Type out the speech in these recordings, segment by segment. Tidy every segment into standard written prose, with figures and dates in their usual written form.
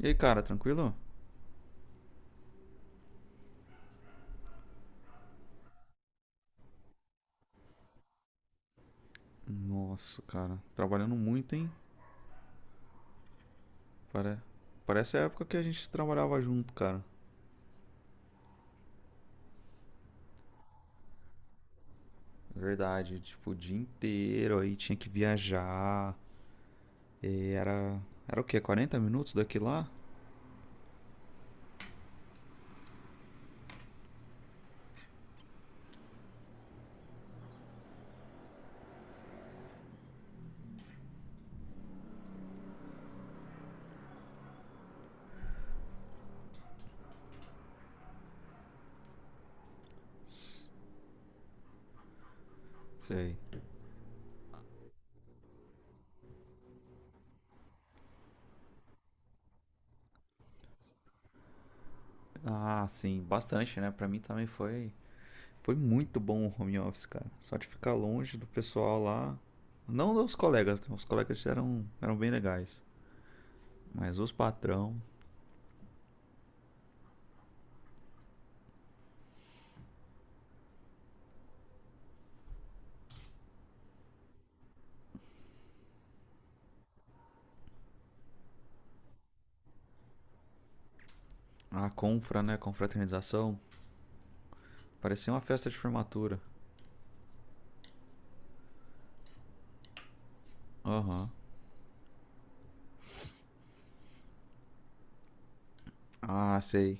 E aí, cara, tranquilo? Nossa, cara, trabalhando muito, hein? Pare- Parece a época que a gente trabalhava junto, cara. É verdade, tipo, o dia inteiro aí tinha que viajar. E era. Era o quê? 40 minutos daqui lá? S- Sei. Ah, sim, bastante, né? Pra mim também foi. Foi muito bom o home office, cara. Só de ficar longe do pessoal lá. Não dos colegas, né? Os colegas eram bem legais. Mas os patrão, a confra, né? Confraternização. Parecia uma festa de formatura. Aham. Uhum. Ah, sei.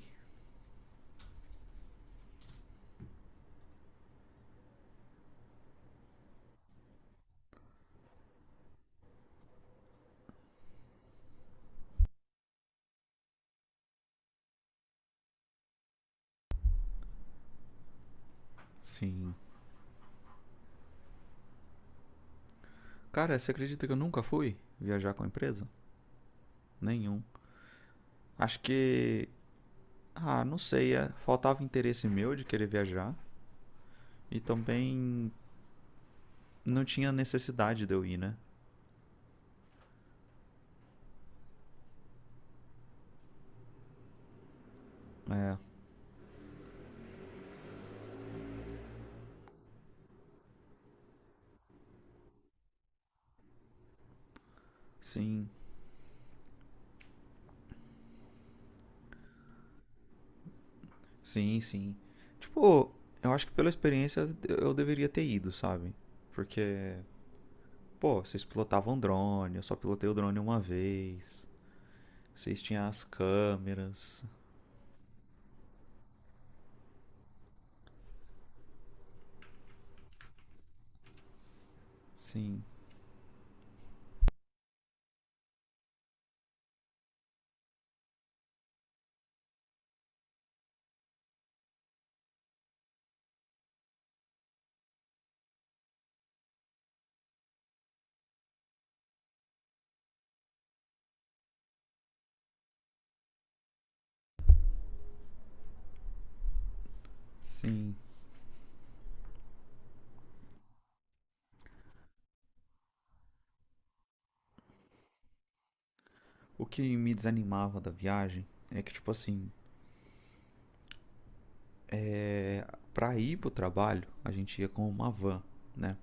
Sim. Cara, você acredita que eu nunca fui viajar com a empresa? Nenhum. Acho que. Ah, não sei. Faltava interesse meu de querer viajar. E também não tinha necessidade de eu ir, né? É. Sim. Sim, sim. Tipo, eu acho que pela experiência eu deveria ter ido, sabe? Porque, pô, vocês pilotavam drone, eu só pilotei o drone uma vez. Vocês tinham as câmeras. Sim. Sim. O que me desanimava da viagem é que, tipo assim, é, pra ir pro trabalho, a gente ia com uma van, né?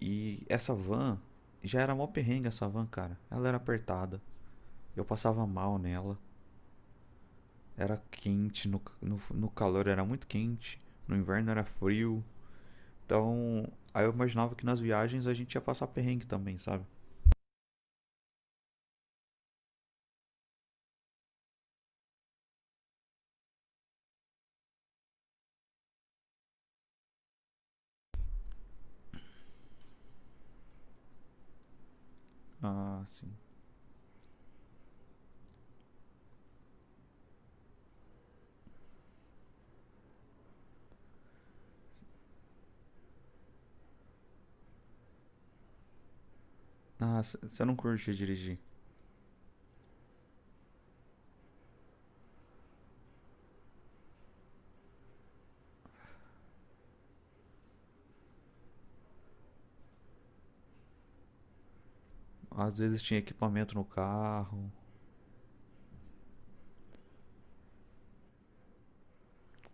E essa van já era mó perrengue, essa van, cara. Ela era apertada, eu passava mal nela, era quente, no calor era muito quente, no inverno era frio. Então, aí eu imaginava que nas viagens a gente ia passar perrengue também, sabe? Ah, sim. Ah, você não curtia dirigir. Às vezes tinha equipamento no carro.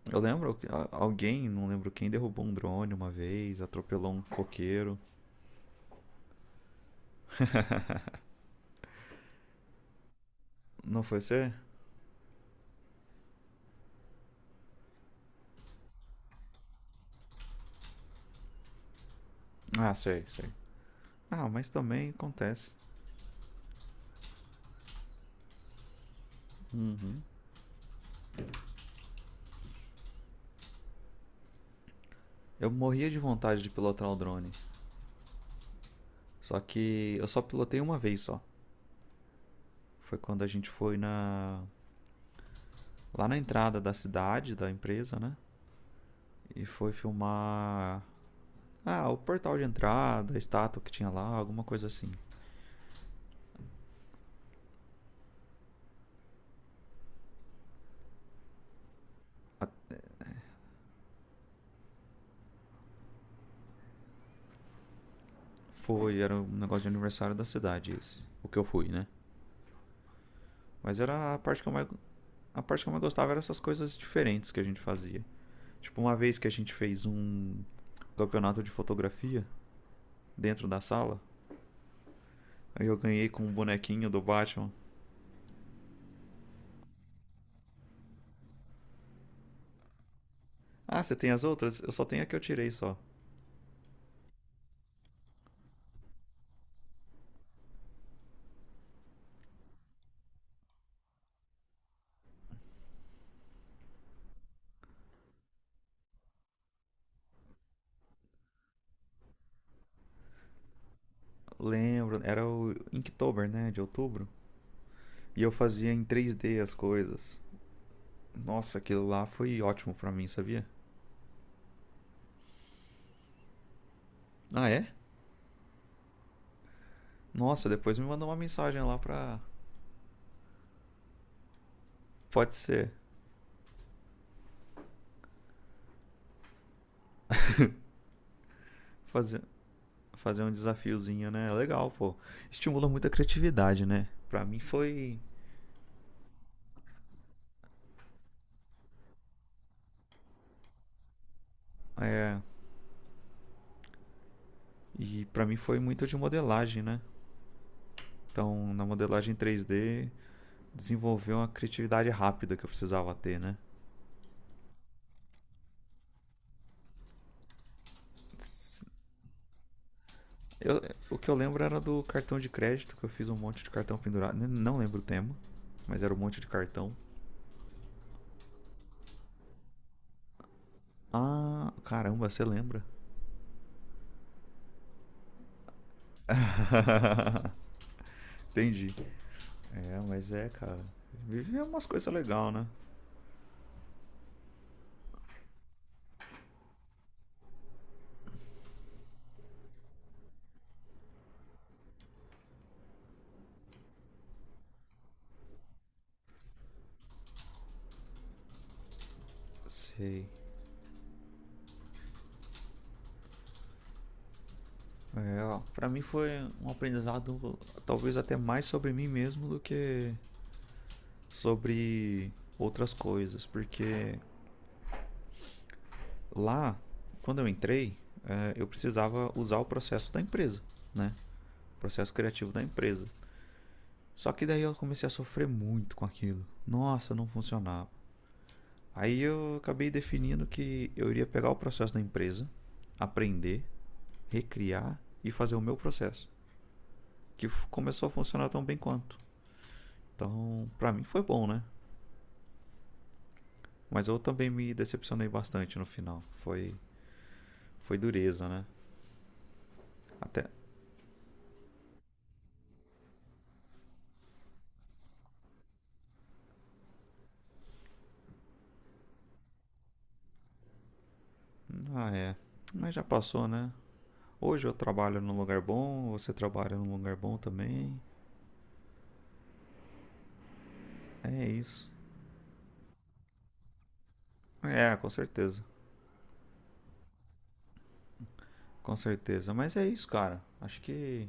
Eu lembro, alguém, não lembro quem, derrubou um drone uma vez, atropelou um coqueiro. Não foi você? Ah, sei, sei. Ah, mas também acontece. Uhum. Eu morria de vontade de pilotar o drone. Só que eu só pilotei uma vez só. Foi quando a gente foi na lá na entrada da cidade, da empresa, né? E foi filmar. Ah, o portal de entrada, a estátua que tinha lá, alguma coisa assim. Foi, era um negócio de aniversário da cidade esse. O que eu fui, né? Mas era a parte que eu mais. A parte que eu mais gostava era essas coisas diferentes que a gente fazia. Tipo, uma vez que a gente fez um campeonato de fotografia dentro da sala, aí eu ganhei com um bonequinho do Batman. Ah, você tem as outras? Eu só tenho a que eu tirei só. Lembro, era o Inktober, né? De outubro. E eu fazia em 3D as coisas. Nossa, aquilo lá foi ótimo pra mim, sabia? Ah, é? Nossa, depois me mandou uma mensagem lá pra. Pode ser. Fazer. Fazer um desafiozinho, né? É legal, pô. Estimula muito a criatividade, né? Pra mim foi. É, e pra mim foi muito de modelagem, né? Então, na modelagem 3D desenvolveu uma criatividade rápida que eu precisava ter, né? Eu- o que eu lembro era do cartão de crédito, que eu fiz um monte de cartão pendurado. Não lembro o tema, mas era um monte de cartão. Ah, caramba, você lembra? Entendi. É, mas é, cara. Viver é umas coisas legais, né? Sei. É, ó, pra mim foi um aprendizado talvez até mais sobre mim mesmo do que sobre outras coisas, porque lá, quando eu entrei, eu precisava usar o processo da empresa, né? O processo criativo da empresa. Só que daí eu comecei a sofrer muito com aquilo. Nossa, não funcionava. Aí eu acabei definindo que eu iria pegar o processo da empresa, aprender, recriar e fazer o meu processo, que começou a funcionar tão bem quanto. Então, pra mim foi bom, né? Mas eu também me decepcionei bastante no final. Foi, foi dureza, né? Até. Ah, é. Mas já passou, né? Hoje eu trabalho num lugar bom, você trabalha num lugar bom também. É isso. É, com certeza. Com certeza. Mas é isso, cara. Acho que.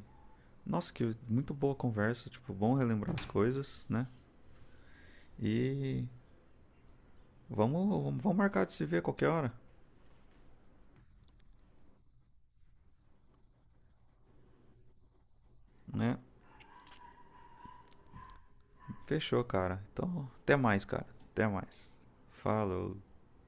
Nossa, que muito boa conversa. Tipo, bom relembrar as coisas, né? E vamos marcar de se ver qualquer hora, né? Fechou, cara. Então, até mais, cara. Até mais. Falou.